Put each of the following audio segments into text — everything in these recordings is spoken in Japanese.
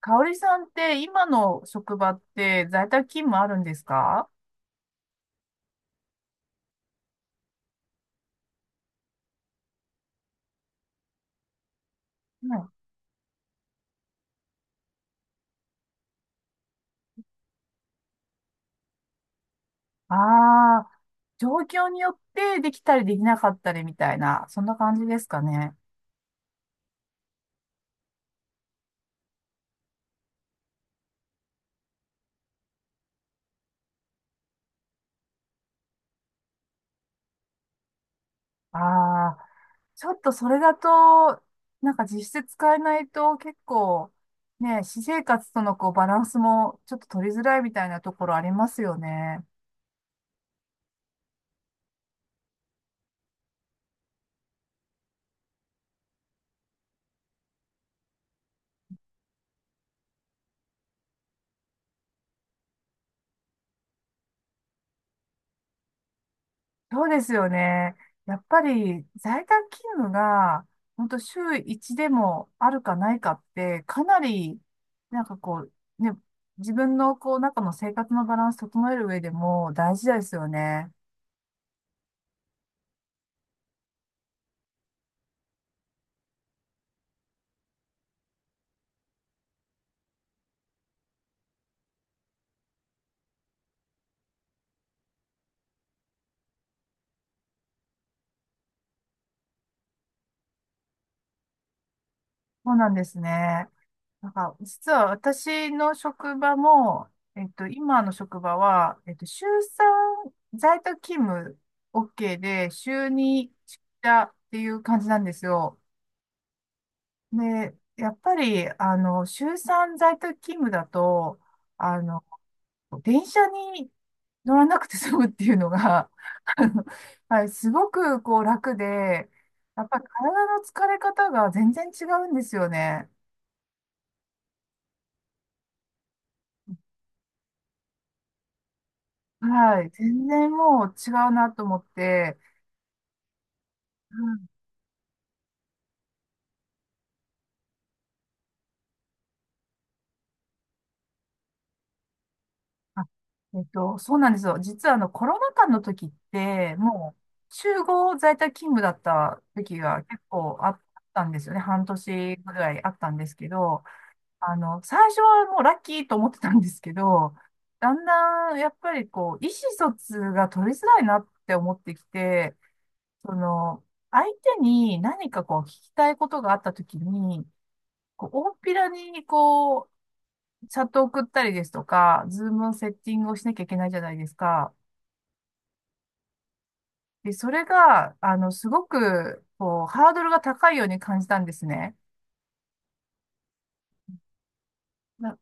かおりさんって今の職場って在宅勤務あるんですか？はい。ああ、状況によってできたりできなかったりみたいな、そんな感じですかね。ああ、ちょっとそれだと、なんか実質使えないと結構、ね、私生活とのこうバランスもちょっと取りづらいみたいなところありますよね。そうですよね。やっぱり在宅勤務が、本当週1でもあるかないかって、かなり、なんかこう、ね、自分のこう、中の生活のバランス整える上でも大事ですよね。そうなんですね。なんか、実は私の職場も、今の職場は、週3在宅勤務 OK で、週2出社っていう感じなんですよ。で、やっぱり、週3在宅勤務だと、あの、電車に乗らなくて済むっていうのが、あの、はい、すごくこう楽で、やっぱり体の疲れ方が全然違うんですよね。はい、全然もう違うなと思って、あそうなんですよ。実はコロナ禍の時って、もう、集合在宅勤務だった時が結構あったんですよね。半年ぐらいあったんですけど、最初はもうラッキーと思ってたんですけど、だんだん、やっぱりこう、意思疎通が取りづらいなって思ってきて、その、相手に何かこう、聞きたいことがあった時に、こう、大っぴらに、こう、チャットを送ったりですとか、ズームのセッティングをしなきゃいけないじゃないですか。で、それが、すごく、こう、ハードルが高いように感じたんですね。な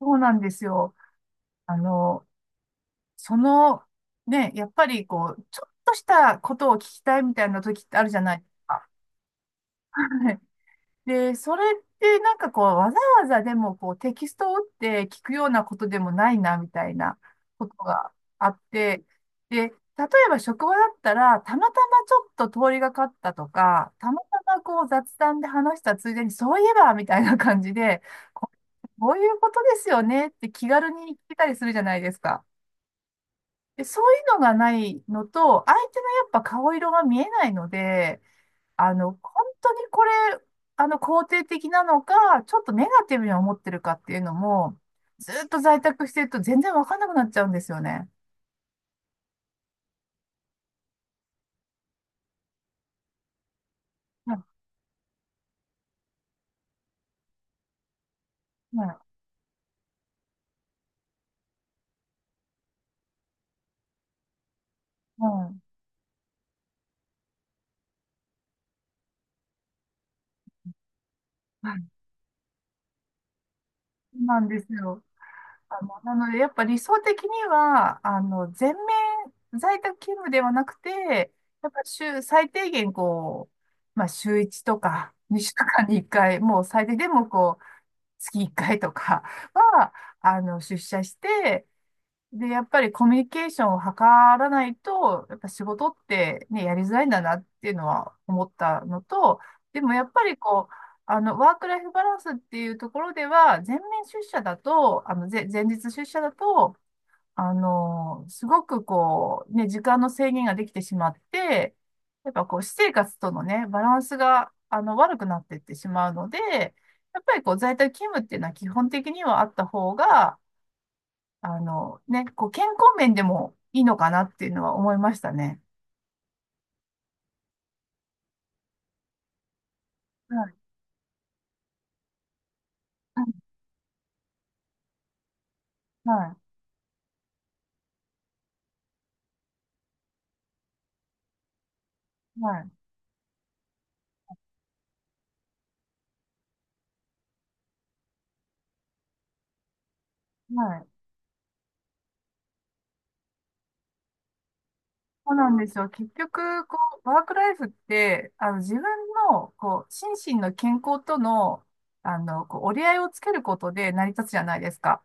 そうなんですよ。あの、その、ね、やっぱり、こう、ちょっとしたことを聞きたいみたいな時ってあるじゃないですか。で、それってなんかこう、わざわざでもこう、テキストを打って聞くようなことでもないな、みたいなことがあって、で、例えば職場だったら、たまたまちょっと通りがかったとか、たまたまこう雑談で話したついでに、そういえば、みたいな感じで、ここういうことですよねって気軽に聞けたりするじゃないですか。で、そういうのがないのと、相手のやっぱ顔色が見えないので、本当にこれ、肯定的なのか、ちょっとネガティブに思ってるかっていうのも、ずっと在宅してると全然わかんなくなっちゃうんですよね。はい、はい、はい。はい、そうなんですよ。なので、やっぱ理想的には、全面在宅勤務ではなくて、やっぱ週、最低限こう、まあ、週1とか、2週間に1回、もう最低でもこう、月1回とかは、出社して、で、やっぱりコミュニケーションを図らないと、やっぱ仕事ってね、やりづらいんだなっていうのは思ったのと、でもやっぱりこう、ワークライフバランスっていうところでは、全面出社だと、前日出社だと、すごくこう、ね、時間の制限ができてしまって、やっぱこう、私生活とのね、バランスが、悪くなっていってしまうので、やっぱりこう、在宅勤務っていうのは基本的にはあった方が、ね、こう、健康面でもいいのかなっていうのは思いましたね。はい、はい、はい、はい。そうなんですよ。結局、こう、ワークライフって、自分の、こう、心身の健康との、こう、折り合いをつけることで成り立つじゃないですか。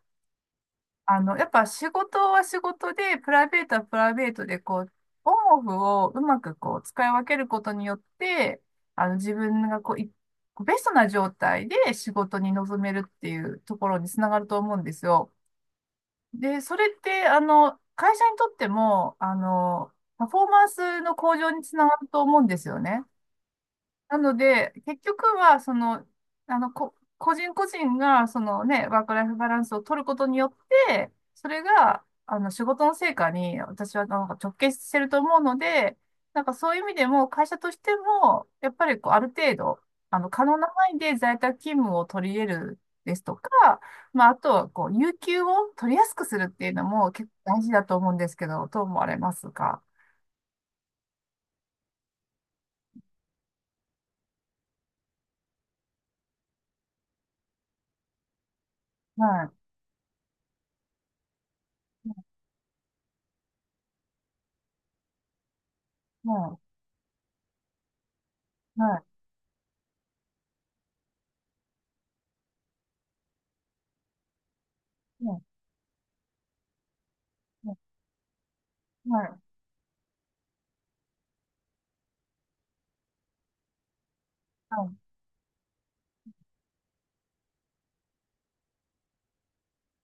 やっぱ仕事は仕事で、プライベートはプライベートで、こう、オンオフをうまくこう、使い分けることによって、自分がこう、ベストな状態で仕事に臨めるっていうところにつながると思うんですよ。で、それって、会社にとっても、パフォーマンスの向上につながると思うんですよね。なので、結局は、その、個人個人が、そのね、ワークライフバランスを取ることによって、それが、仕事の成果に、私はなんか直結してると思うので、なんかそういう意味でも、会社としても、やっぱりこう、ある程度、可能な範囲で在宅勤務を取り入れるですとか、まあ、あとは、こう、有給を取りやすくするっていうのも結構大事だと思うんですけど、どう思われますか？はい。はい。はい。はい。はい。はい。はい。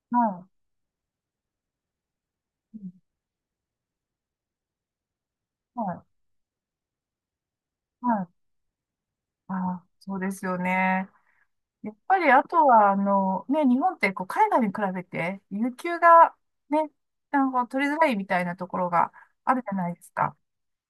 はい。うん、はい。はい。ああ、そうですよね。やっぱり、あとは、ね、日本って、こう、海外に比べて、有給が、ね、なんか取りづらいみたいなところがあるじゃないですか。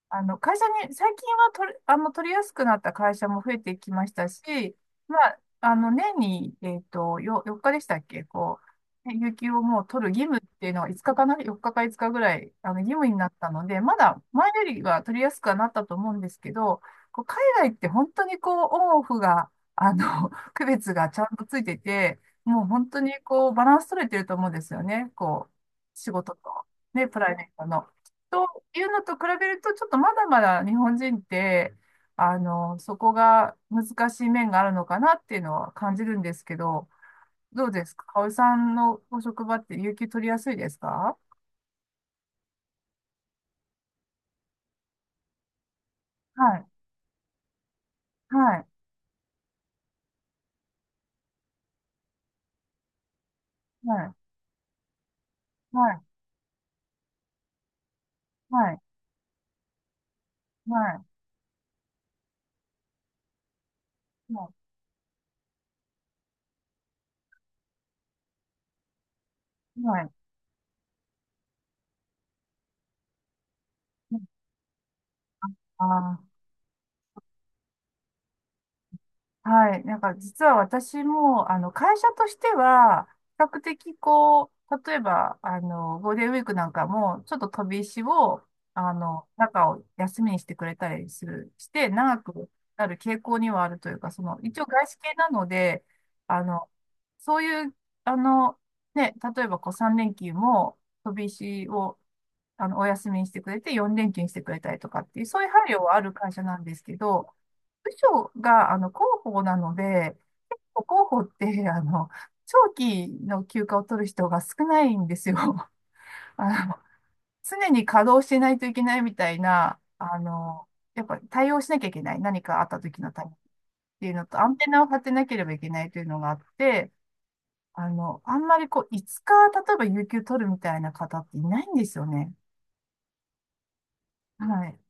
会社に、最近は取れ、あの、取りやすくなった会社も増えてきましたし、まあ、年に、4日でしたっけ、こう、ね有給をもう取る義務っていうのは5日かな？ 4 日か5日ぐらい、義務になったので、まだ前よりは取りやすくはなったと思うんですけど、こう、海外って本当にこう、オンオフが、区別がちゃんとついてて、もう本当にこう、バランス取れてると思うんですよね。こう、仕事と、ね、プライベートの。というのと比べると、ちょっとまだまだ日本人って、そこが難しい面があるのかなっていうのは感じるんですけど、どうですかおさんのご職場って有給取りやすいですか？はい、はい、はい、はい、はい、はい、はい、はい。ああー、はい。なんか実は私も、会社としては、比較的こう、例えば、ゴールデンウィークなんかも、ちょっと飛び石を、中を休みにしてくれたりする、して、長くなる傾向にはあるというか、その、一応外資系なので、あの、そういう、あの、ね、例えばこう3連休も飛び石をお休みにしてくれて、4連休にしてくれたりとかっていう、そういう配慮はある会社なんですけど、部署が、広報なので、広報って、長期の休暇を取る人が少ないんですよ。あの、常に稼働してないといけないみたいな、やっぱり対応しなきゃいけない。何かあった時のためっていうのと、アンテナを張ってなければいけないというのがあって、あんまりこう、5日、例えば有給取るみたいな方っていないんですよね。はい。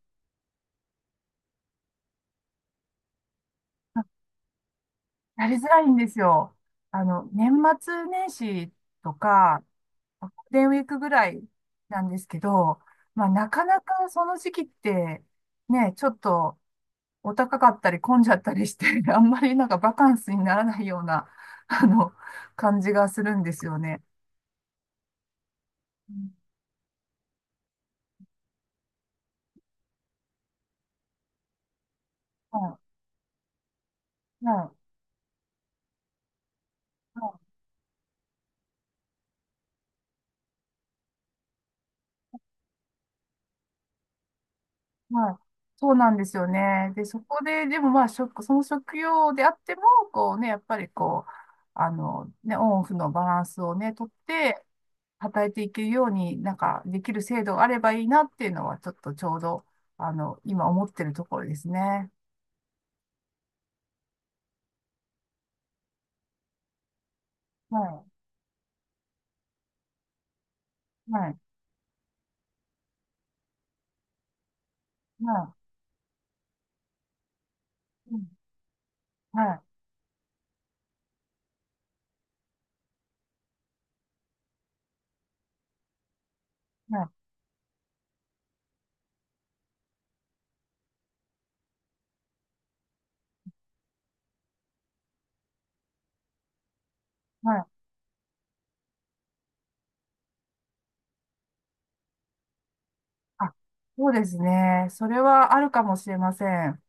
やりづらいんですよ。年末年始とか、ゴールデンウィークぐらいなんですけど、まあ、なかなかその時期って、ね、ちょっとお高かったり混んじゃったりして、あんまりなんかバカンスにならないような、あの、感じがするんですよね。うん、はい、はい、はい、はい。そうなんですよね。で、そこで、でもまあ、その職業であっても、こうね、やっぱりこう、ね、オンオフのバランスをね、とって、働いていけるように、なんかできる制度があればいいなっていうのは、ちょっとちょうど、今思ってるところですね。はい、はい、はい、うん、はい、はい、はい。あ、そうですね。それはあるかもしれません。